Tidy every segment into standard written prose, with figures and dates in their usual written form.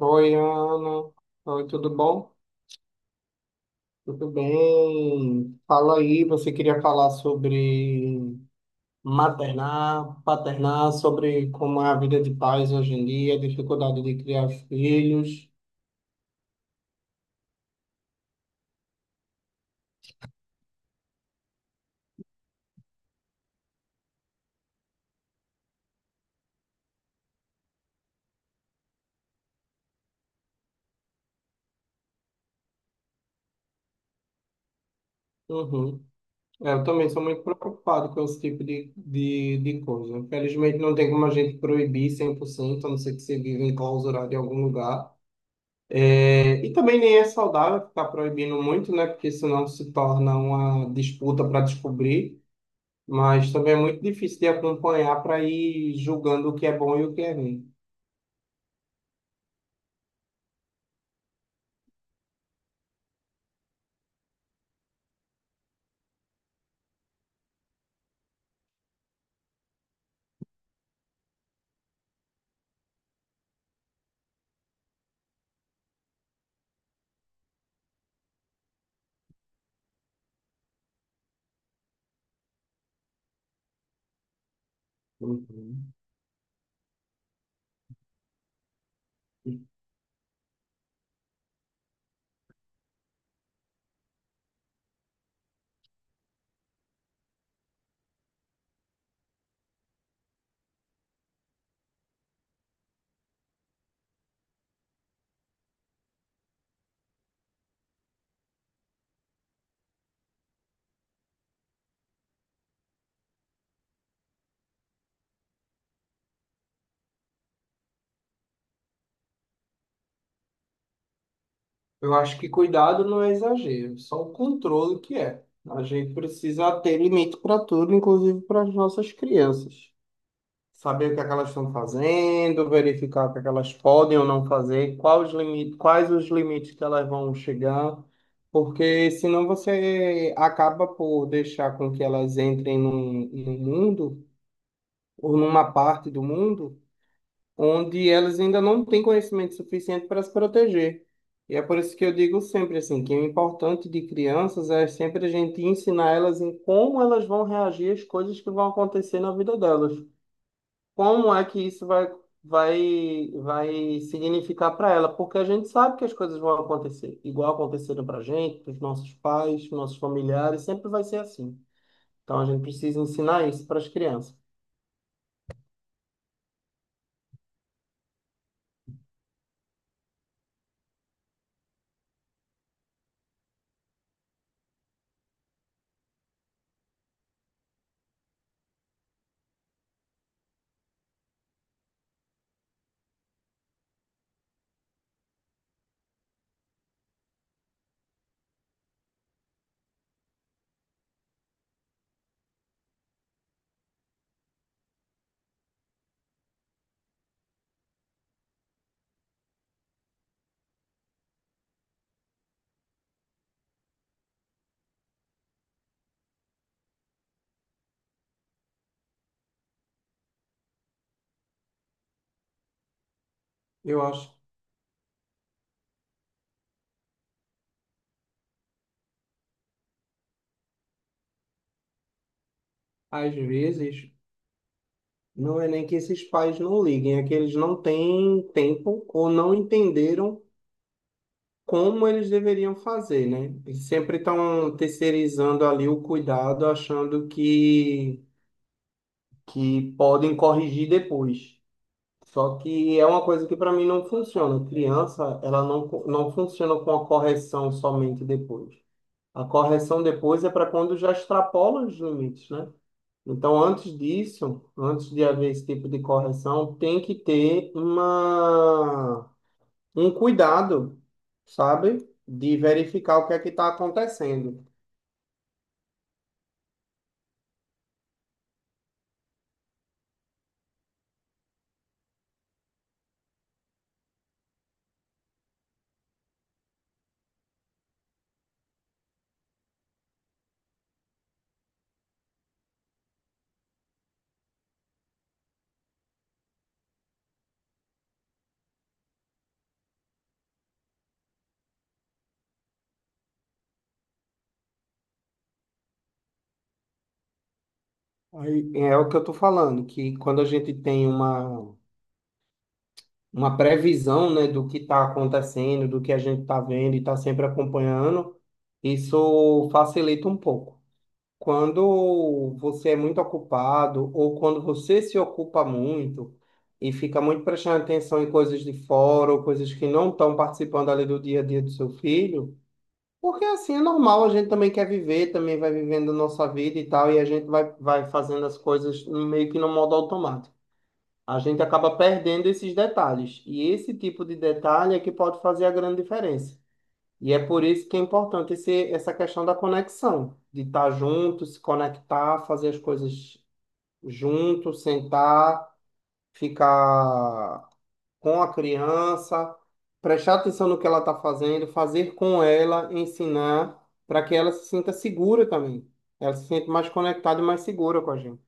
Oi, Ana. Oi, tudo bom? Tudo bem? Fala aí, você queria falar sobre maternar, paternar, sobre como é a vida de pais hoje em dia, a dificuldade de criar filhos. Uhum. Eu também sou muito preocupado com esse tipo de coisa. Infelizmente, não tem como a gente proibir 100%, a não ser que você viva enclausurado em algum lugar. E também nem é saudável ficar proibindo muito, né? Porque senão se torna uma disputa para descobrir. Mas também é muito difícil de acompanhar para ir julgando o que é bom e o que é ruim. Uhum. Eu acho que cuidado não é exagero, só o controle que é. A gente precisa ter limite para tudo, inclusive para as nossas crianças. Saber o que é que elas estão fazendo, verificar o que é que elas podem ou não fazer, quais os limites que elas vão chegar, porque senão você acaba por deixar com que elas entrem num mundo ou numa parte do mundo onde elas ainda não têm conhecimento suficiente para se proteger. E é por isso que eu digo sempre assim, que o importante de crianças é sempre a gente ensinar elas em como elas vão reagir às coisas que vão acontecer na vida delas. Como é que isso vai significar para ela? Porque a gente sabe que as coisas vão acontecer, igual aconteceram para a gente, para os nossos pais, nossos familiares, sempre vai ser assim. Então a gente precisa ensinar isso para as crianças. Eu acho, às vezes, não é nem que esses pais não liguem, é que eles não têm tempo ou não entenderam como eles deveriam fazer, né? Eles sempre estão terceirizando ali o cuidado, achando que podem corrigir depois. Só que é uma coisa que para mim não funciona. Criança, ela não, não funciona com a correção somente depois. A correção depois é para quando já extrapola os limites, né? Então, antes disso, antes de haver esse tipo de correção, tem que ter um cuidado, sabe? De verificar o que é que está acontecendo. Aí, é o que eu estou falando, que quando a gente tem uma previsão, né, do que está acontecendo, do que a gente está vendo e está sempre acompanhando, isso facilita um pouco. Quando você é muito ocupado ou quando você se ocupa muito e fica muito prestando atenção em coisas de fora ou coisas que não estão participando ali do dia a dia do seu filho, porque assim é normal, a gente também quer viver, também vai vivendo a nossa vida e tal, e a gente vai fazendo as coisas meio que no modo automático. A gente acaba perdendo esses detalhes, e esse tipo de detalhe é que pode fazer a grande diferença. E é por isso que é importante essa questão da conexão, de estar junto, se conectar, fazer as coisas junto, sentar, ficar com a criança, prestar atenção no que ela está fazendo, fazer com ela, ensinar, para que ela se sinta segura também. Ela se sinta mais conectada e mais segura com a gente.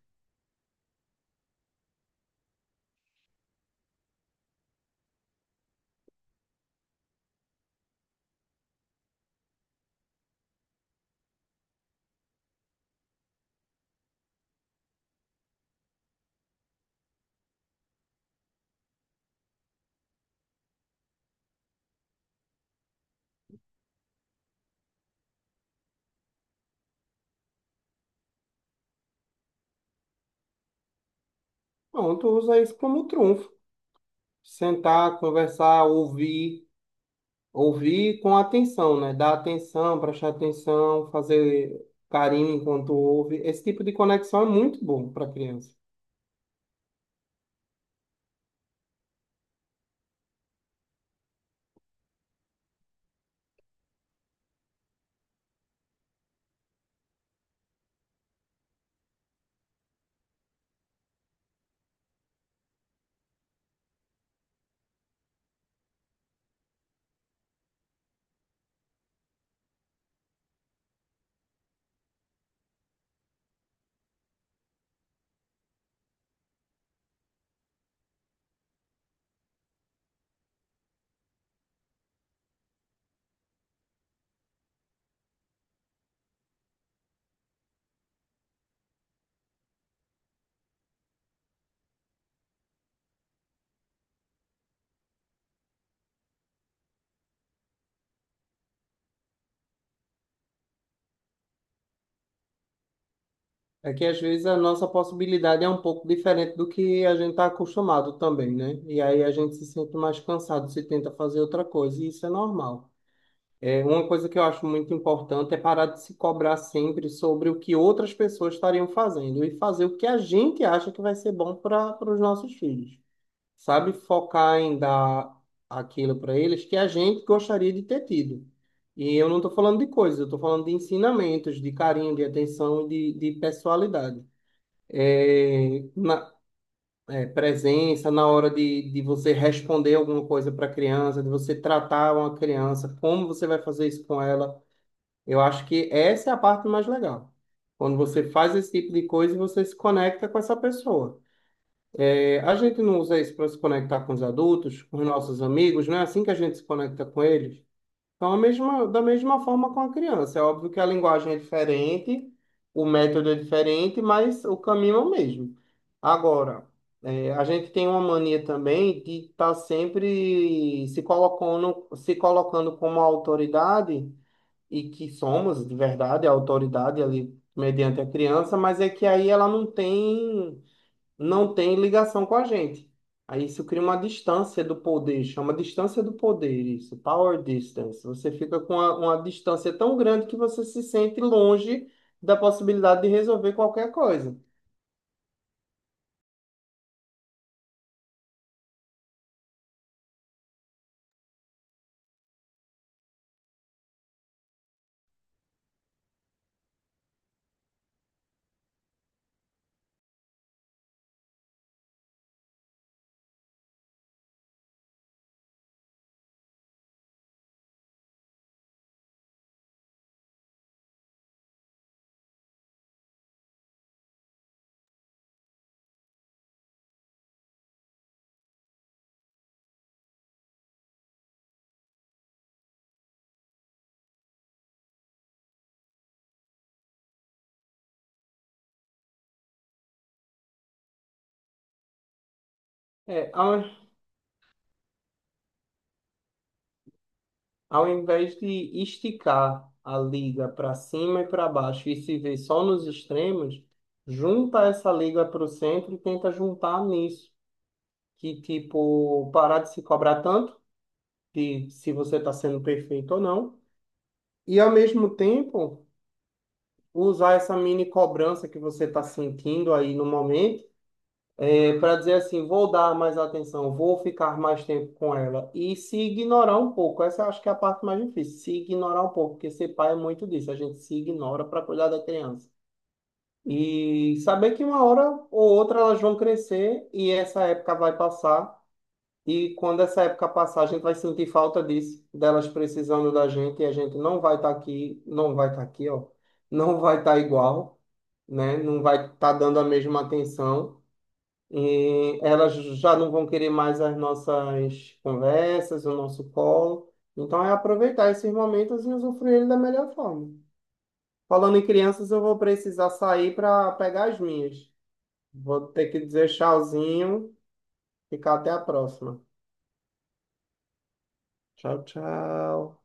Pronto, usa isso como trunfo. Sentar, conversar, ouvir. Ouvir com atenção, né? Dar atenção, prestar atenção, fazer carinho enquanto ouve. Esse tipo de conexão é muito bom para a criança. É que às vezes a nossa possibilidade é um pouco diferente do que a gente está acostumado também, né? E aí a gente se sente mais cansado se tenta fazer outra coisa, e isso é normal. Uma coisa que eu acho muito importante é parar de se cobrar sempre sobre o que outras pessoas estariam fazendo e fazer o que a gente acha que vai ser bom para os nossos filhos. Sabe? Focar em dar aquilo para eles que a gente gostaria de ter tido. E eu não estou falando de coisas, eu estou falando de ensinamentos, de carinho, de atenção e de pessoalidade. É, na, Presença na hora de você responder alguma coisa para a criança, de você tratar uma criança, como você vai fazer isso com ela. Eu acho que essa é a parte mais legal. Quando você faz esse tipo de coisa e você se conecta com essa pessoa. A gente não usa isso para se conectar com os adultos, com os nossos amigos, não é assim que a gente se conecta com eles? Então, da mesma forma com a criança. É óbvio que a linguagem é diferente, o método é diferente, mas o caminho é o mesmo. Agora, a gente tem uma mania também de estar sempre se colocando, se colocando como autoridade, e que somos, de verdade, a autoridade ali mediante a criança, mas é que aí ela não tem ligação com a gente. Aí isso cria uma distância do poder, chama distância do poder, isso, power distance. Você fica com uma distância tão grande que você se sente longe da possibilidade de resolver qualquer coisa. É, ao, Ao invés de esticar a liga para cima e para baixo e se ver só nos extremos, junta essa liga para o centro e tenta juntar nisso. Que, tipo, parar de se cobrar tanto, de se você está sendo perfeito ou não. E ao mesmo tempo, usar essa mini cobrança que você está sentindo aí no momento, para dizer assim, vou dar mais atenção, vou ficar mais tempo com ela e se ignorar um pouco. Essa eu acho que é a parte mais difícil, se ignorar um pouco, porque ser pai é muito disso, a gente se ignora para cuidar da criança. E saber que uma hora ou outra elas vão crescer e essa época vai passar. E quando essa época passar, a gente vai sentir falta disso, delas precisando da gente, e a gente não vai estar aqui, não vai estar aqui, ó, não vai estar igual, né? Não vai estar dando a mesma atenção. E elas já não vão querer mais as nossas conversas, o nosso colo. Então é aproveitar esses momentos e usufruir ele da melhor forma. Falando em crianças, eu vou precisar sair para pegar as minhas. Vou ter que dizer tchauzinho, ficar até a próxima. Tchau, tchau.